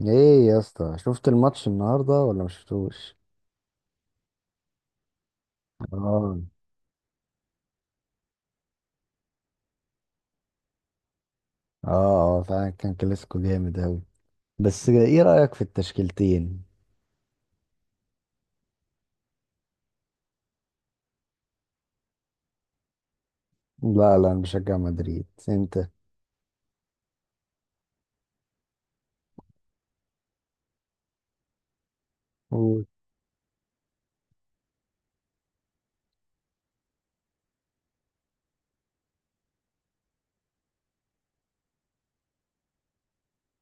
ايه يا اسطى، شفت الماتش النهارده ولا ما شفتوش؟ اه اه اه فعلا كان كلاسيكو جامد اوي. بس ايه رأيك في التشكيلتين؟ لا انا بشجع مدريد، انت؟ قول.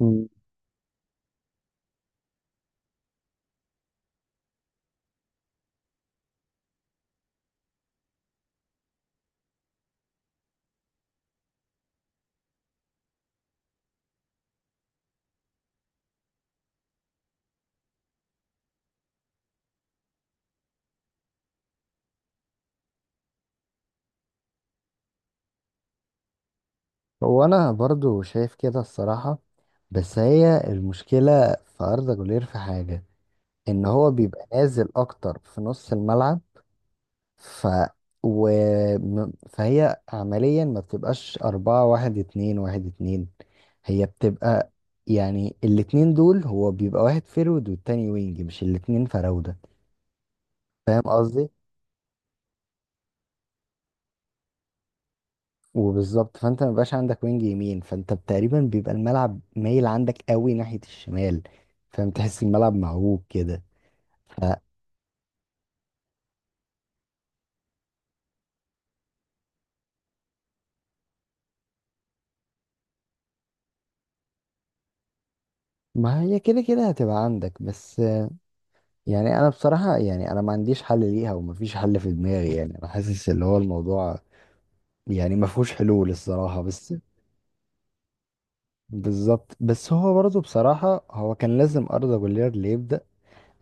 مم. هو انا برضو شايف كده الصراحة. بس هي المشكلة في أردا جولير في حاجة، ان هو بيبقى نازل اكتر في نص الملعب. ف و... فهي عمليا ما بتبقاش أربعة واحد اتنين واحد اتنين، هي بتبقى يعني الاتنين دول هو بيبقى واحد فيرود والتاني وينج، مش الاتنين فراودة. فاهم قصدي؟ وبالظبط، فانت ما بيبقاش عندك وينج يمين، فانت تقريبا بيبقى الملعب مايل عندك قوي ناحية الشمال. فاهم؟ تحس الملعب معوج كده. فما هي كده هتبقى عندك بس. يعني انا بصراحة، يعني انا ما عنديش حل ليها ومفيش حل في دماغي، يعني انا حاسس اللي هو الموضوع يعني ما فيهوش حلول الصراحة. بس بالظبط، بس هو برضه بصراحة هو كان لازم أردا جولير اللي يبدأ،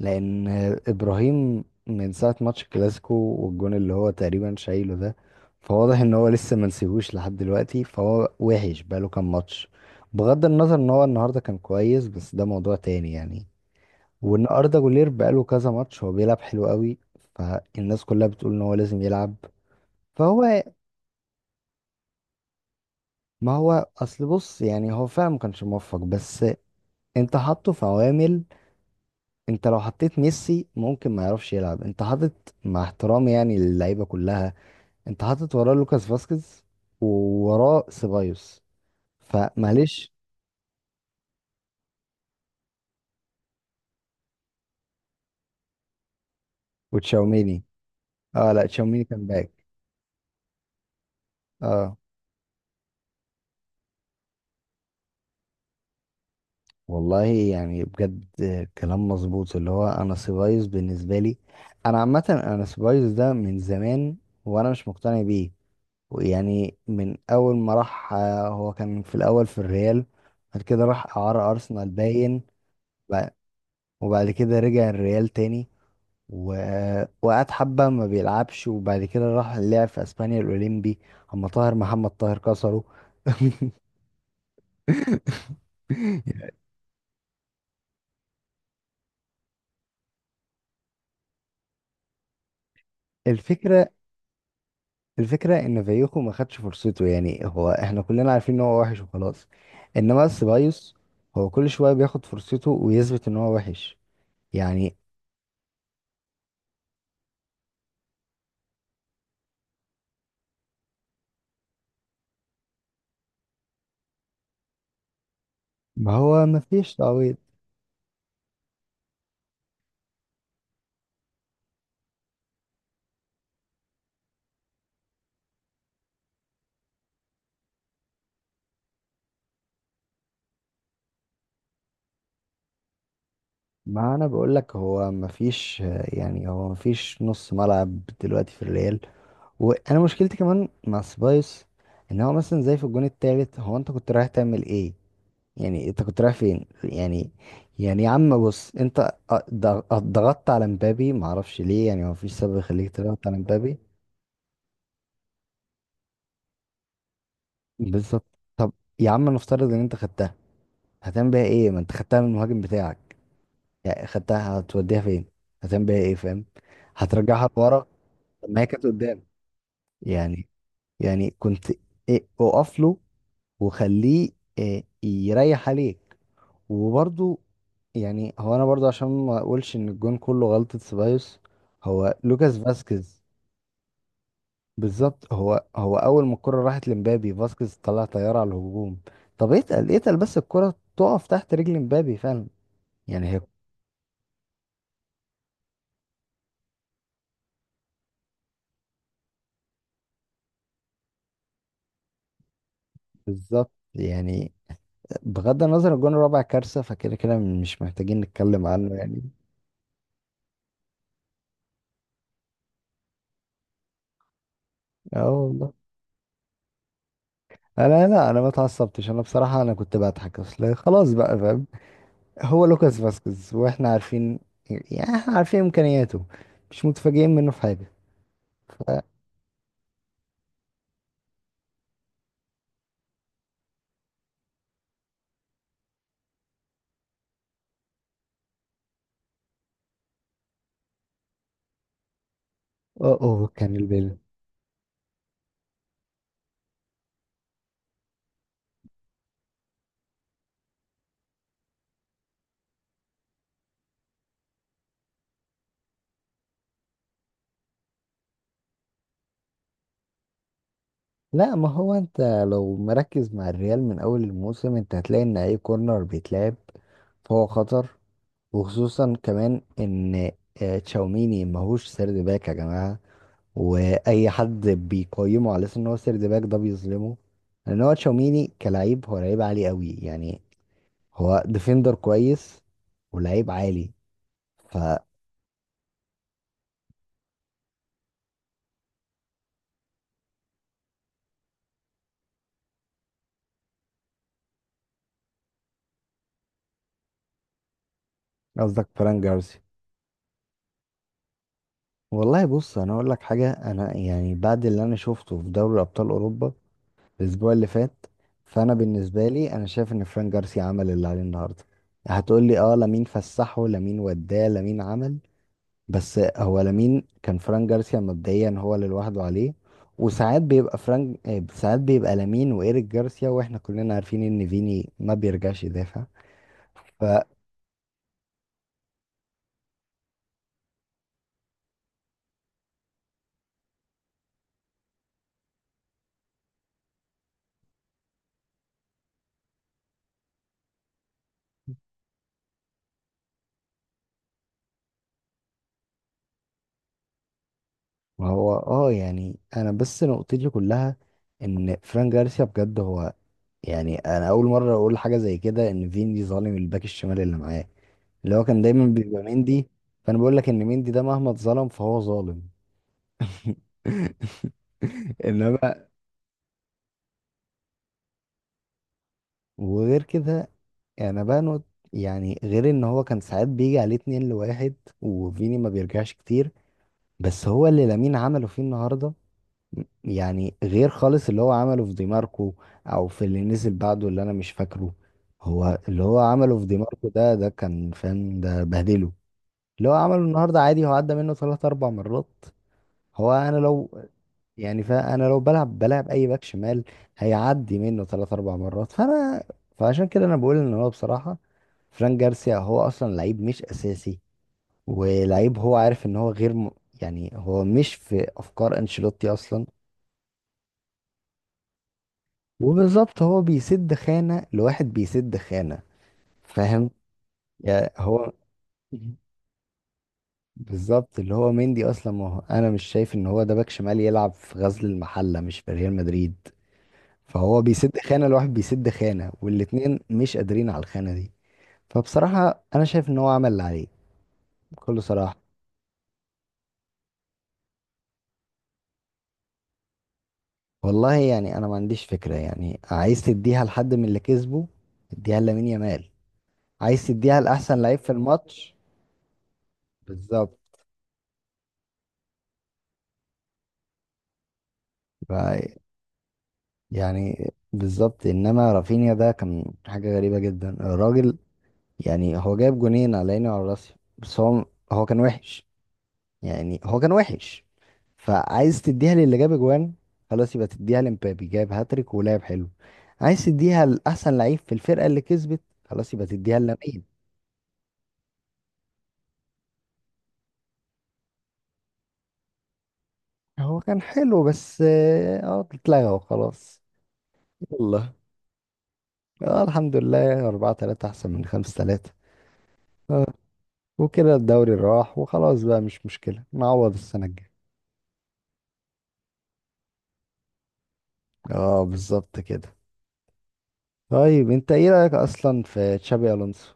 لأن إبراهيم من ساعة ماتش الكلاسيكو والجون اللي هو تقريبا شايله ده، فواضح إن هو لسه منسيهوش لحد دلوقتي، فهو وحش بقاله كام ماتش. بغض النظر إن هو النهاردة كان كويس، بس ده موضوع تاني يعني. وإن أردا جولير بقاله كذا ماتش هو بيلعب حلو قوي، فالناس كلها بتقول إن هو لازم يلعب. فهو ما هو اصل بص، يعني هو فعلا ما كانش موفق، بس انت حاطه في عوامل. انت لو حطيت ميسي ممكن ما يعرفش يلعب. انت حاطط، مع احترامي يعني للعيبه كلها، انت حاطط وراه لوكاس فاسكيز، ووراه سيبايوس، فمعلش. وتشاوميني. اه لا، تشاوميني كان باك. اه والله يعني بجد، كلام مظبوط. اللي هو انا سيبايوس بالنسبه لي، انا عامه انا سيبايوس ده من زمان وانا مش مقتنع بيه. ويعني من اول ما راح، هو كان في الاول في الريال، بعد كده راح اعاره ارسنال باين. وبع- وبعد كده رجع الريال تاني، وقعد حبه ما بيلعبش، وبعد كده راح لعب في اسبانيا الاولمبي، اما طاهر محمد طاهر كسره. الفكرة، الفكرة ان فايوخو ما خدش فرصته، يعني هو احنا كلنا عارفين ان هو وحش وخلاص. انما سيبايوس هو كل شوية بياخد فرصته ويثبت ان هو وحش يعني. ما هو مفيش تعويض. ما انا بقول لك هو مفيش، يعني هو مفيش نص ملعب دلوقتي في الريال. وانا مشكلتي كمان مع سبايس، ان هو مثلا زي في الجون التالت، هو انت كنت رايح تعمل ايه؟ يعني انت كنت رايح فين يعني؟ يعني يا عم بص انت، ضغطت على مبابي معرفش ليه. يعني هو مفيش سبب يخليك تضغط على مبابي. بالظبط. طب يا عم، نفترض ان انت خدتها، هتعمل بيها ايه؟ ما انت خدتها من المهاجم بتاعك. يعني خدتها هتوديها فين؟ هتعمل بيها ايه؟ فاهم؟ هترجعها لورا. طب ما هي كانت قدام. يعني، يعني كنت إيه، اقف له وخليه، إيه، يريح عليك. وبرضو، يعني هو انا برضو عشان ما اقولش ان الجون كله غلطة سيبايوس، هو لوكاس فاسكيز. بالظبط. هو اول ما الكرة راحت لمبابي، فاسكيز طلع طيارة على الهجوم. طب اتقل، اتقل بس، الكرة تقف تحت رجل مبابي فعلا. يعني هي، بالظبط. يعني بغض النظر الجون الرابع كارثة، فكده كده مش محتاجين نتكلم عنه يعني. اه والله. انا لا، انا ما اتعصبتش، انا بصراحة انا كنت بضحك. اصل خلاص بقى فاهم، هو لوكاس فاسكيز، واحنا عارفين يعني، احنا عارفين امكانياته، مش متفاجئين منه في حاجة. ف اوه، كان البيل. لا، ما هو انت لو مركز مع الريال من اول الموسم، انت هتلاقي ان اي كورنر بيتلعب فهو خطر. وخصوصا كمان ان، تشاوميني ماهوش سرد باك يا جماعة، واي حد بيقيمه على اساس ان هو سيرد باك ده بيظلمه. لان هو تشاوميني كلاعب هو لعيب عالي قوي يعني، هو ديفندر كويس ولعيب عالي. فقصدك فران جارسيا. والله بص، انا اقول لك حاجه. انا يعني بعد اللي انا شفته في دوري ابطال اوروبا الاسبوع اللي فات، فانا بالنسبه لي انا شايف ان فران جارسيا عمل اللي عليه النهارده. هتقول لي اه، لامين فسحه، لامين وداه، لامين عمل. بس هو لامين كان فران جارسيا مبدئيا هو اللي لوحده عليه. وساعات بيبقى فرانك، ساعات بيبقى لامين وإيريك جارسيا، واحنا كلنا عارفين ان فيني ما بيرجعش يدافع. فهو اه، يعني انا بس نقطتي كلها ان فران جارسيا بجد هو، يعني انا اول مرة اقول حاجة زي كده، ان فيني ظالم الباك الشمال اللي معاه، اللي هو كان دايما بيبقى مندي. فانا بقول لك ان مندي ده مهما اتظلم فهو ظالم. انما، وغير كده، يعني بانو، يعني غير ان هو كان ساعات بيجي عليه اتنين لواحد وفيني ما بيرجعش كتير. بس هو اللي لامين عمله فيه النهارده، يعني غير خالص اللي هو عمله في ديماركو او في اللي نزل بعده اللي انا مش فاكره. هو اللي هو عمله في ديماركو ده، ده كان فاهم ده بهدله. اللي هو عمله النهارده عادي، هو عدى منه ثلاث اربع مرات. هو انا لو، يعني فانا لو بلعب، بلعب اي باك شمال هيعدي منه ثلاث اربع مرات. فانا، فعشان كده انا بقول ان هو بصراحه فران جارسيا هو اصلا لعيب مش اساسي، ولعيب هو عارف ان هو غير يعني هو مش في افكار انشيلوتي اصلا. وبالظبط، هو بيسد خانه لواحد بيسد خانه، فاهم يعني؟ بالظبط. اللي هو مندي اصلا، ما هو انا مش شايف ان هو ده باك شمال، يلعب في غزل المحله مش في ريال مدريد. فهو بيسد خانة. الواحد بيسد خانة، والاتنين مش قادرين على الخانة دي. فبصراحة أنا شايف إن هو عمل اللي عليه، بكل صراحة. والله يعني أنا ما عنديش فكرة. يعني عايز تديها لحد من اللي كسبه، اديها لامين يامال. عايز تديها لأحسن لعيب في الماتش، بالظبط. ف يعني بالظبط. إنما رافينيا ده كان حاجة غريبة جدا الراجل، يعني هو جايب جونين على عيني وعلى راسي، بس هو، هو كان وحش يعني، هو كان وحش. فعايز تديها للي جاب اجوان، خلاص يبقى تديها لمبابي، جاب هاتريك ولعب حلو. عايز تديها لاحسن لعيب في الفرقه اللي كسبت، خلاص يبقى تديها لامين. هو كان حلو، بس اه، اتلغى وخلاص. يلا، اه الحمد لله، 4-3 احسن من 5-3. اه، وكده الدوري راح وخلاص بقى، مش مشكله، نعوض السنه الجايه. اه بالظبط كده. طيب انت ايه رايك اصلا في تشابي الونسو؟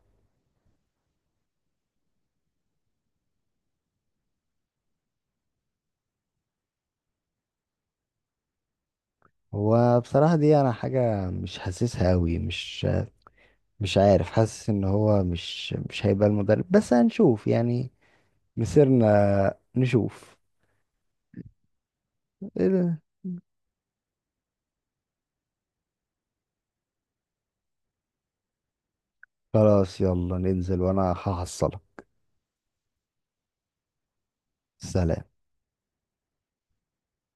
هو بصراحة دي أنا حاجة مش حاسسها أوي، مش مش عارف، حاسس إن هو مش مش هيبقى المدرب، بس هنشوف يعني، مسيرنا نشوف. إيه ده؟ خلاص يلا ننزل وأنا هحصلك. سلام.